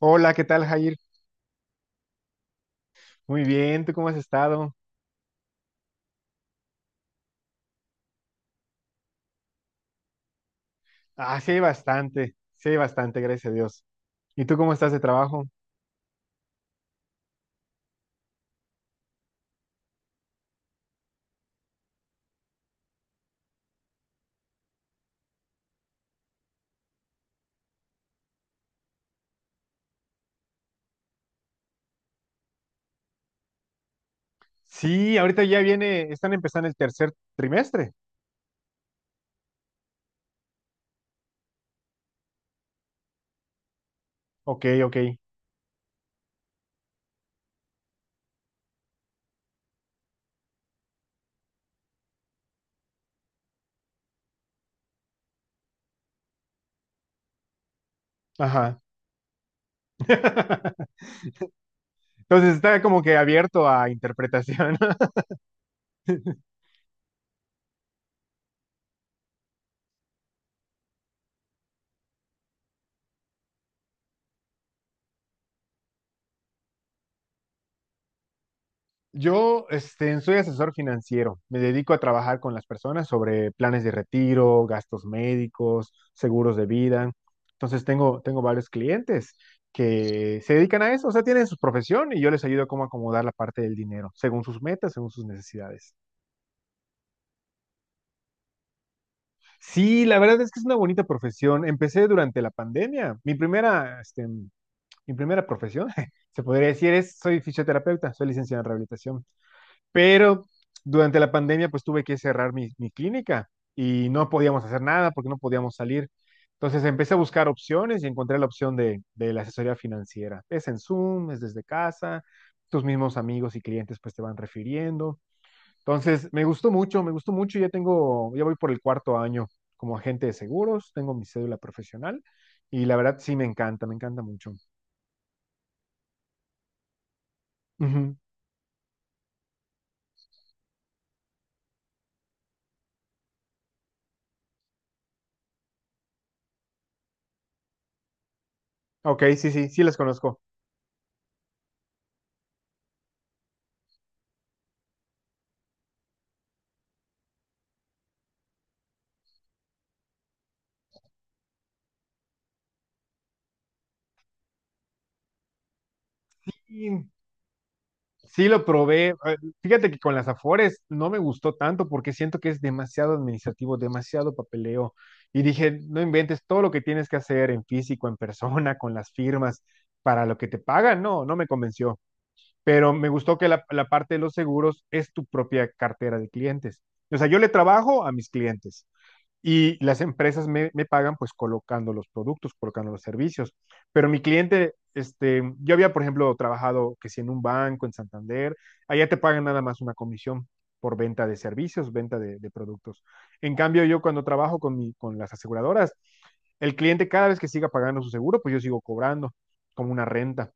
Hola, ¿qué tal, Jair? Muy bien, ¿tú cómo has estado? Ah, sí hay bastante, gracias a Dios. ¿Y tú cómo estás de trabajo? Sí, ahorita ya viene, están empezando el tercer trimestre. Ok, ok, ajá. Entonces está como que abierto a interpretación. Yo soy asesor financiero. Me dedico a trabajar con las personas sobre planes de retiro, gastos médicos, seguros de vida. Entonces tengo varios clientes que se dedican a eso, o sea, tienen su profesión y yo les ayudo cómo acomodar la parte del dinero, según sus metas, según sus necesidades. Sí, la verdad es que es una bonita profesión. Empecé durante la pandemia. Mi primera profesión, se podría decir, es soy fisioterapeuta, soy licenciado en rehabilitación. Pero durante la pandemia, pues tuve que cerrar mi clínica y no podíamos hacer nada porque no podíamos salir. Entonces empecé a buscar opciones y encontré la opción de la asesoría financiera. Es en Zoom, es desde casa, tus mismos amigos y clientes pues te van refiriendo. Entonces me gustó mucho, me gustó mucho. Ya voy por el cuarto año como agente de seguros, tengo mi cédula profesional y la verdad sí me encanta mucho. Ujú. Ok, sí, sí, sí las conozco. Y sí lo probé. Fíjate que con las Afores no me gustó tanto porque siento que es demasiado administrativo, demasiado papeleo. Y dije, no inventes todo lo que tienes que hacer en físico, en persona, con las firmas, para lo que te pagan. No, no me convenció. Pero me gustó que la parte de los seguros es tu propia cartera de clientes. O sea, yo le trabajo a mis clientes y las empresas pagan pues colocando los productos, colocando los servicios. Pero mi cliente, este, yo había, por ejemplo, trabajado que si en un banco, en Santander, allá te pagan nada más una comisión por venta de servicios, venta de productos. En cambio, yo cuando trabajo con las aseguradoras, el cliente cada vez que siga pagando su seguro, pues yo sigo cobrando como una renta.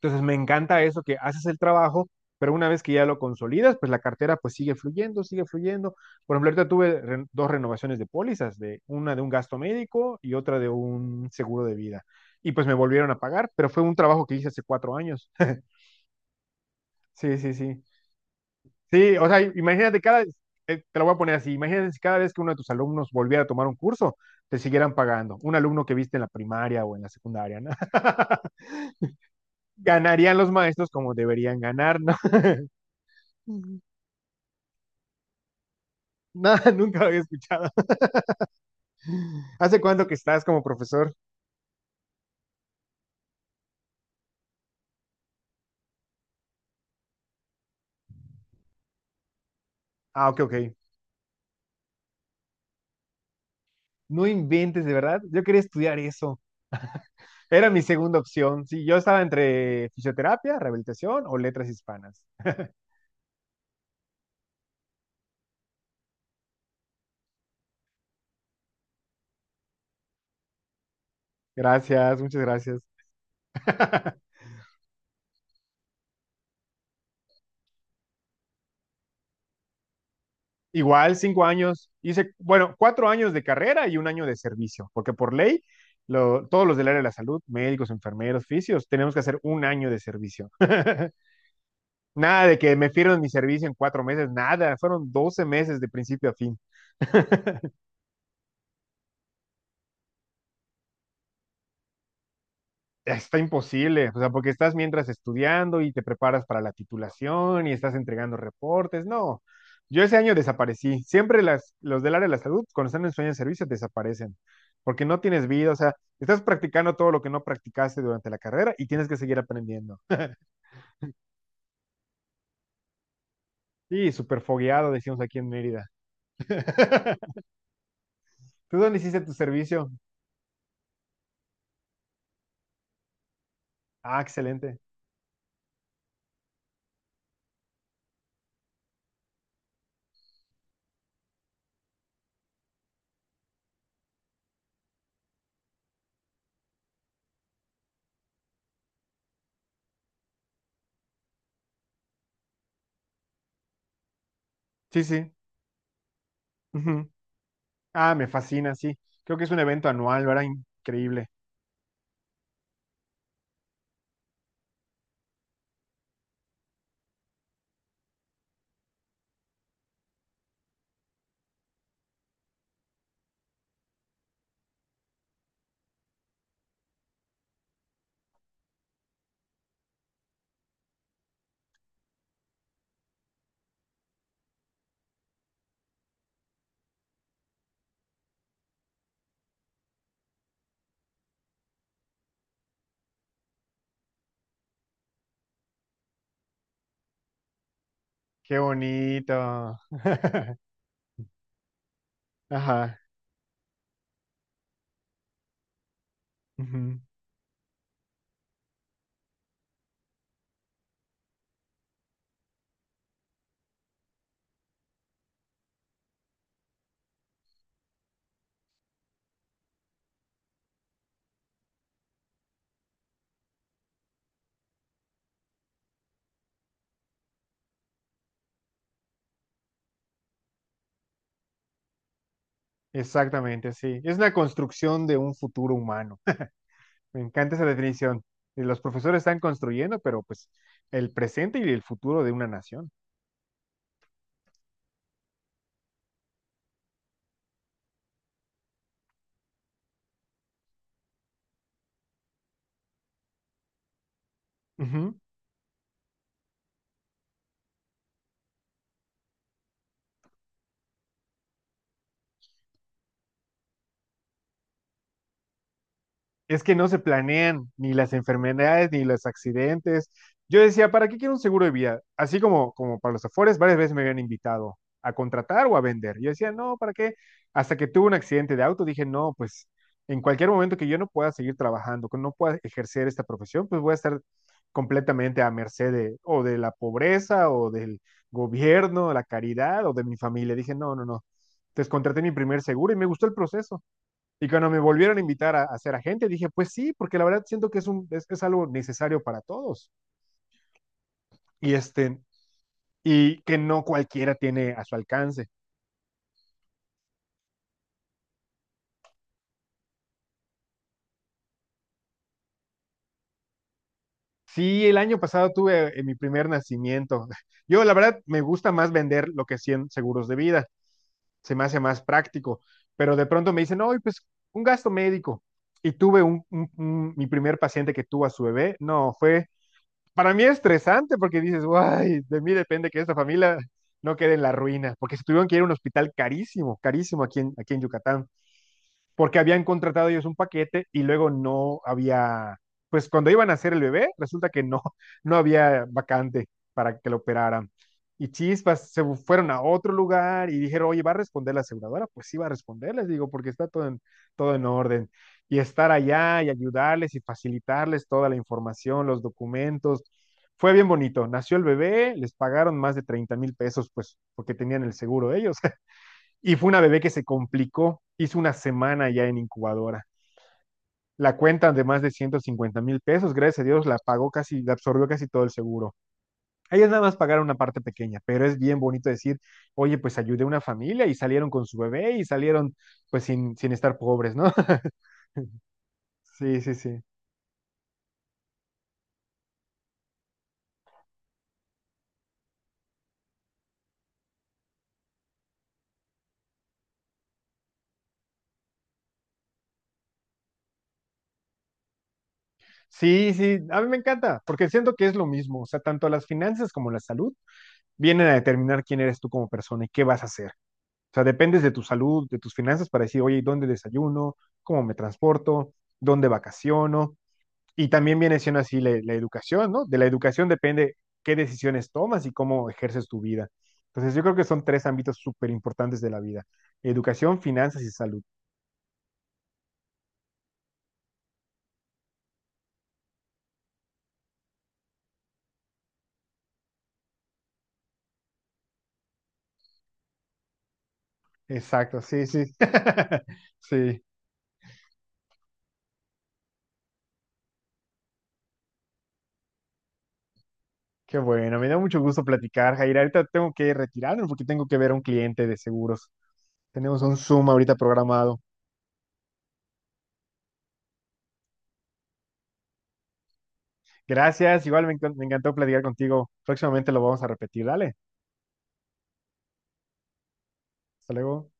Entonces me encanta eso, que haces el trabajo, pero una vez que ya lo consolidas, pues la cartera pues sigue fluyendo, sigue fluyendo. Por ejemplo, ahorita tuve dos renovaciones de pólizas, de una de un gasto médico y otra de un seguro de vida. Y pues me volvieron a pagar, pero fue un trabajo que hice hace 4 años. Sí, sí, sí. Sí, o sea, imagínate cada, te lo voy a poner así, imagínate si cada vez que uno de tus alumnos volviera a tomar un curso, te siguieran pagando, un alumno que viste en la primaria o en la secundaria, ¿no? Ganarían los maestros como deberían ganar, ¿no? Nada, nunca lo había escuchado. ¿Hace cuánto que estás como profesor? Ah, ok, ok. No inventes, de verdad. Yo quería estudiar eso. Era mi segunda opción. Sí, yo estaba entre fisioterapia, rehabilitación o letras hispanas. Gracias, muchas gracias. Igual, 5 años. Hice, bueno, 4 años de carrera y un año de servicio, porque por ley, todos los del área de la salud, médicos, enfermeros, fisios, tenemos que hacer un año de servicio. Nada de que me firmen mi servicio en 4 meses, nada. Fueron 12 meses de principio a fin. Está imposible, o sea, porque estás mientras estudiando y te preparas para la titulación y estás entregando reportes. No, yo ese año desaparecí. Siempre los del área de la salud, cuando están en sueño de servicio, desaparecen, porque no tienes vida, o sea, estás practicando todo lo que no practicaste durante la carrera y tienes que seguir aprendiendo. Sí, súper fogueado, decimos aquí en Mérida. ¿Tú dónde hiciste tu servicio? Ah, excelente. Sí, sí. Ujú. Ah, me fascina, sí. Creo que es un evento anual, ¿verdad? Increíble. Qué bonito. Ajá, ujú. Exactamente, sí. Es una construcción de un futuro humano. Me encanta esa definición. Y los profesores están construyendo, pero pues el presente y el futuro de una nación. Es que no se planean ni las enfermedades ni los accidentes. Yo decía, ¿para qué quiero un seguro de vida? Así como, como para los Afores, varias veces me habían invitado a contratar o a vender. Yo decía, no, ¿para qué? Hasta que tuve un accidente de auto, dije, no, pues en cualquier momento que yo no pueda seguir trabajando, que no pueda ejercer esta profesión, pues voy a estar completamente a merced de, o de la pobreza o del gobierno, la caridad o de mi familia. Dije, no, no, no. Entonces contraté mi primer seguro y me gustó el proceso. Y cuando me volvieron a invitar a ser agente, dije, pues sí, porque la verdad siento que es algo necesario para todos y, este, y que no cualquiera tiene a su alcance. Sí, el año pasado tuve mi primer nacimiento. Yo, la verdad, me gusta más vender lo que 100 seguros de vida. Se me hace más práctico. Pero de pronto me dicen, no, pues un gasto médico. Y tuve mi primer paciente que tuvo a su bebé. No, fue para mí es estresante porque dices, guay, de mí depende que esta familia no quede en la ruina, porque se tuvieron que ir a un hospital carísimo, carísimo aquí en Yucatán porque habían contratado ellos un paquete y luego no había, pues cuando iban a hacer el bebé, resulta que no, no había vacante para que lo operaran. Y chispas, se fueron a otro lugar y dijeron, oye, ¿va a responder la aseguradora? Pues sí, va a responder, les digo, porque está todo en orden. Y estar allá y ayudarles y facilitarles toda la información, los documentos. Fue bien bonito. Nació el bebé, les pagaron más de 30,000 pesos, pues porque tenían el seguro ellos. Y fue una bebé que se complicó, hizo una semana ya en incubadora. La cuenta de más de 150,000 pesos, gracias a Dios, la pagó casi, la absorbió casi todo el seguro. Ellas nada más pagaron una parte pequeña, pero es bien bonito decir, oye, pues ayudé a una familia y salieron con su bebé y salieron pues sin, sin estar pobres, ¿no? Sí, sí, sí. Sí, sí, a mí me encanta, porque siento que es lo mismo, o sea, tanto las finanzas como la salud vienen a determinar quién eres tú como persona y qué vas a hacer. O sea, dependes de tu salud, de tus finanzas para decir, oye, ¿dónde desayuno? ¿Cómo me transporto? ¿Dónde vacaciono? Y también viene siendo así la educación, ¿no? De la educación depende qué decisiones tomas y cómo ejerces tu vida. Entonces, yo creo que son tres ámbitos súper importantes de la vida. Educación, finanzas y salud. Exacto, sí, sí. Sí, qué bueno. Me da mucho gusto platicar, Jair. Ahorita tengo que retirarme porque tengo que ver a un cliente de seguros. Tenemos un Zoom ahorita programado. Gracias, igual me encantó platicar contigo. Próximamente lo vamos a repetir. Dale, hasta luego.